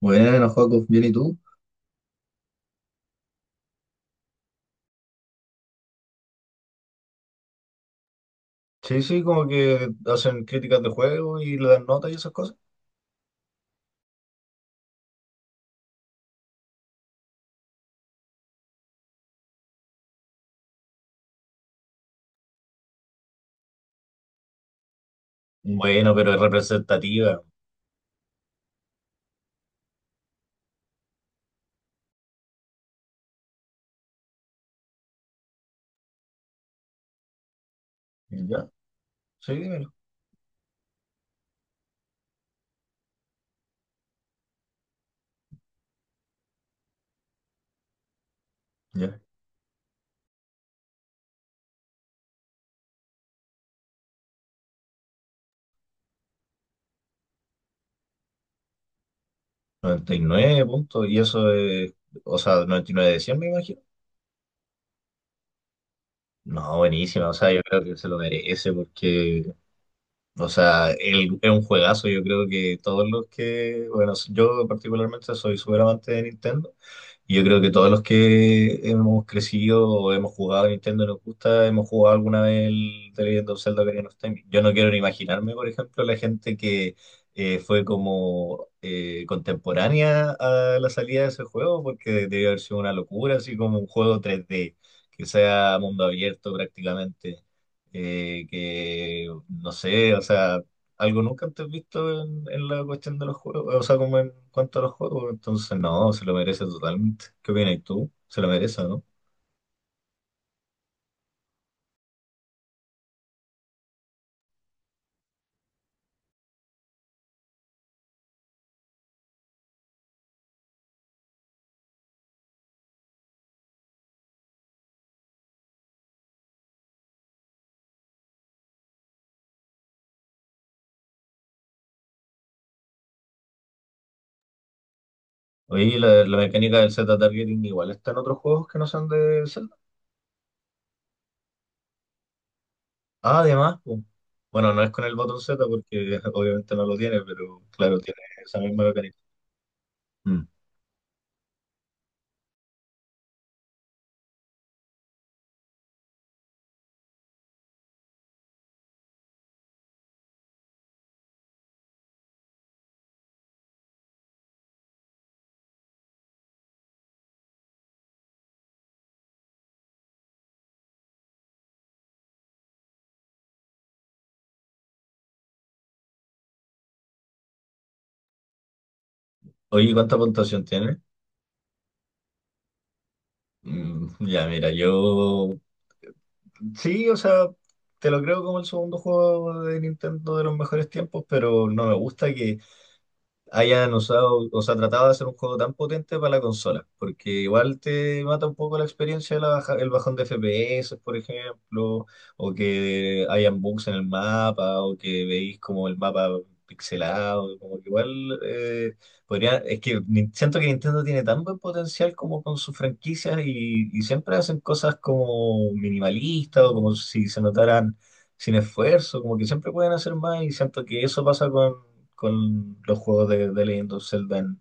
Bueno, Joaco, bien, ¿y tú? Sí, sí, como que hacen críticas de juego y le dan notas y esas cosas. Bueno, pero es representativa. Ya, sí, dímelo. Ya. 99 puntos, y eso es, o sea, 99 de 100, me imagino. No, buenísima, o sea, yo creo que se lo merece porque, o sea, es un juegazo. Yo creo que todos los que, bueno, yo particularmente soy súper amante de Nintendo. Y yo creo que todos los que hemos crecido o hemos jugado a Nintendo y nos gusta, hemos jugado alguna vez el The Legend of Zelda Ocarina of Time. Yo no quiero ni imaginarme, por ejemplo, la gente que fue como contemporánea a la salida de ese juego, porque debió haber sido una locura, así como un juego 3D que sea mundo abierto prácticamente. Que no sé, o sea, algo nunca antes visto en la cuestión de los juegos, o sea, como en cuanto a los juegos, entonces no, se lo merece totalmente. ¿Qué opinas tú? Se lo merece, ¿no? Oye, la mecánica del Z-targeting igual está en otros juegos que no son de Zelda. Ah, además, pues, bueno, no es con el botón Z porque obviamente no lo tiene, pero claro, tiene esa misma mecánica. Mm. Oye, ¿cuánta puntuación tiene? Mm, ya, mira, yo sí, o sea, te lo creo como el segundo juego de Nintendo de los mejores tiempos, pero no me gusta que hayan usado, o sea, tratado de hacer un juego tan potente para la consola, porque igual te mata un poco la experiencia de el bajón de FPS, por ejemplo, o que hayan bugs en el mapa, o que veis como el mapa pixelado, como que igual podría, es que siento que Nintendo tiene tan buen potencial como con sus franquicias y siempre hacen cosas como minimalistas o como si se notaran sin esfuerzo, como que siempre pueden hacer más y siento que eso pasa con los juegos de Legend of Zelda en,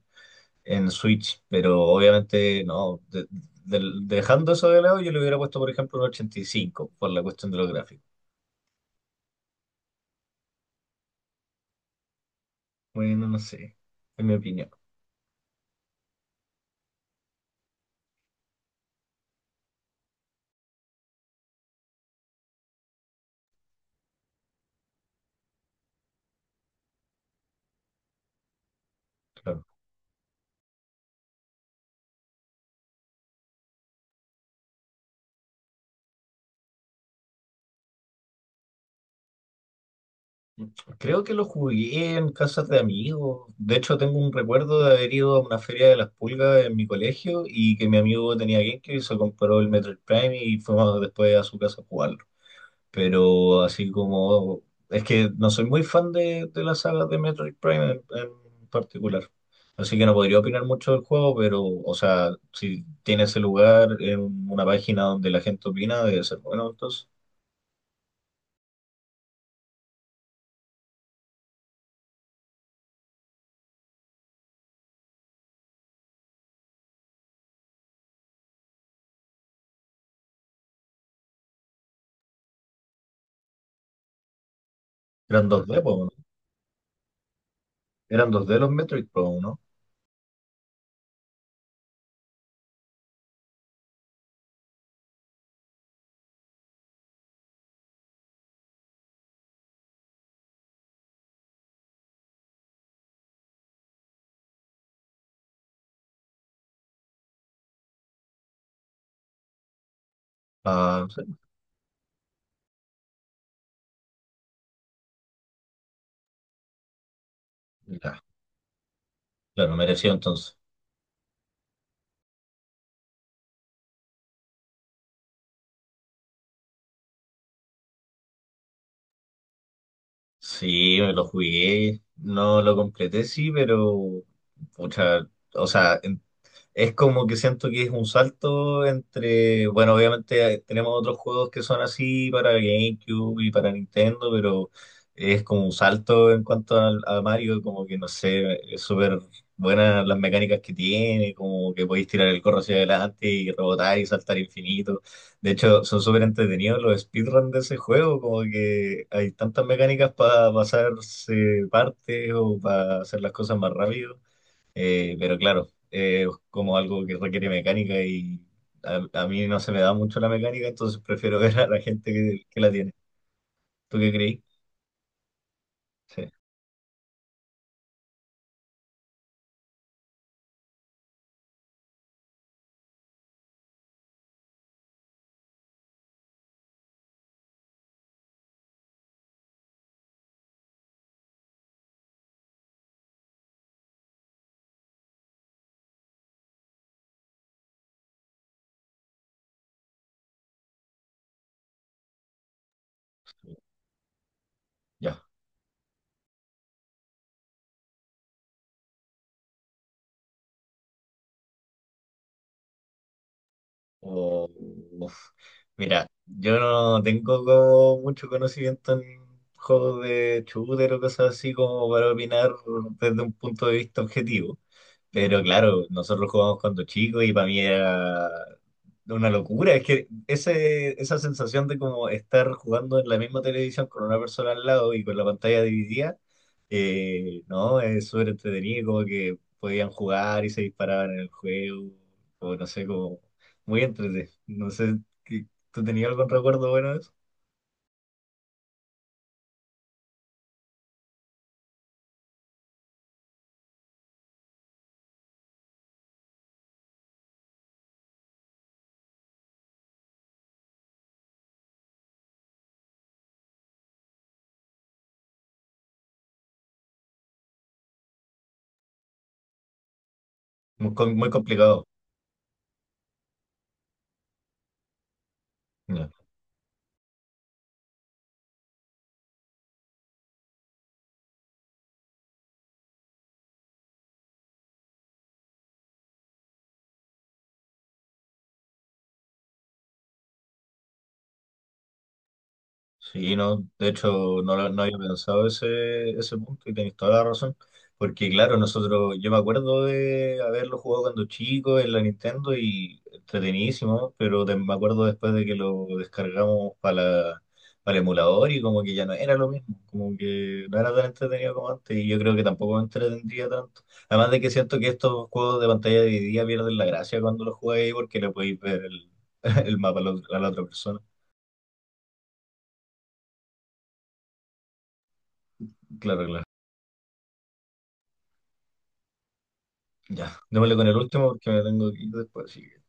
en Switch, pero obviamente no, dejando eso de lado yo le hubiera puesto por ejemplo un 85 por la cuestión de los gráficos. Bueno, no sé, en mi opinión, claro. Creo que lo jugué en casas de amigos. De hecho, tengo un recuerdo de haber ido a una feria de las pulgas en mi colegio y que mi amigo tenía GameCube y se compró el Metroid Prime y fuimos después a su casa a jugarlo. Pero así como... Es que no soy muy fan de la saga de Metroid Prime en particular. Así que no podría opinar mucho del juego, pero, o sea, si tiene ese lugar en una página donde la gente opina, debe ser bueno. Entonces, eran 2D pues, ¿no? Eran 2D los Metroid Pro, ¿no? Ah, sí. Ya, claro, mereció entonces. Sí, me lo jugué, no lo completé, sí, pero, pucha, o sea, es como que siento que es un salto entre, bueno, obviamente tenemos otros juegos que son así para GameCube y para Nintendo, pero es como un salto en cuanto a, Mario, como que no sé, es súper buenas las mecánicas que tiene, como que podéis tirar el corro hacia adelante y rebotar y saltar infinito. De hecho, son súper entretenidos los speedruns de ese juego, como que hay tantas mecánicas para pasarse partes o para hacer las cosas más rápido. Pero claro, es como algo que requiere mecánica y a mí no se me da mucho la mecánica, entonces prefiero ver a la gente que la tiene. ¿Tú qué creí? Sí, ya. O- Uf. Mira, yo no tengo como mucho conocimiento en juegos de shooter o cosas así como para opinar desde un punto de vista objetivo. Pero claro, nosotros jugamos cuando chicos y para mí era una locura. Es que ese, esa sensación de como estar jugando en la misma televisión con una persona al lado y con la pantalla dividida, no, es súper entretenido, como que podían jugar y se disparaban en el juego, o no sé, como muy entretenido. No sé, ¿tú tenías algún recuerdo bueno de eso? Muy, muy complicado. Sí, no, de hecho no, no había pensado ese punto y tenéis toda la razón, porque claro, nosotros, yo me acuerdo de haberlo jugado cuando chico en la Nintendo y entretenidísimo, pero me acuerdo después de que lo descargamos para para el emulador y como que ya no era lo mismo, como que no era tan entretenido como antes y yo creo que tampoco me entretendría tanto. Además de que siento que estos juegos de pantalla dividida pierden la gracia cuando los jugáis porque le podéis ver el, el mapa a la otra persona. Claro, claro. Ya, démosle con el último porque me tengo que ir después. Así que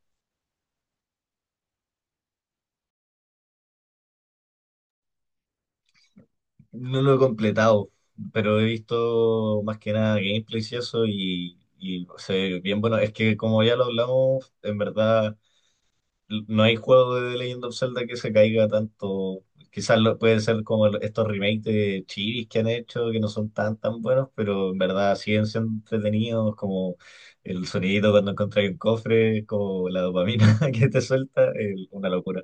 no lo he completado, pero he visto más que nada gameplays y eso y se ve bien bueno. Es que como ya lo hablamos, en verdad no hay juego de The Legend of Zelda que se caiga tanto. Quizás puede ser como estos remakes de Chivis que han hecho, que no son tan tan buenos, pero en verdad siguen siendo entretenidos, como el sonidito cuando encontráis un cofre, como la dopamina que te suelta, una locura.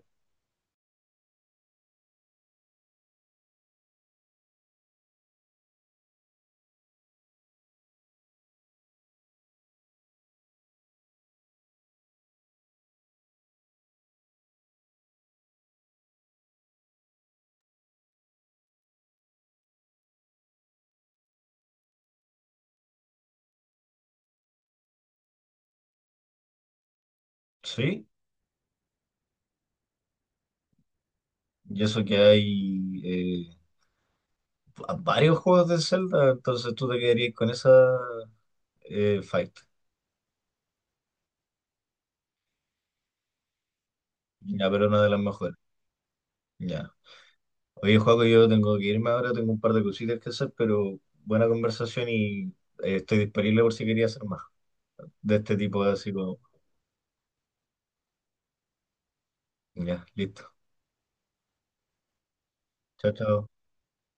Sí, y eso que hay eh, varios juegos de Zelda, entonces tú te quedarías con esa fight. Ya, pero una de las mejores. Ya. Oye, Joaco, yo tengo que irme ahora, tengo un par de cositas que hacer, pero buena conversación y estoy disponible por si quería hacer más de este tipo, así como. Ya, listo. Chao, chao.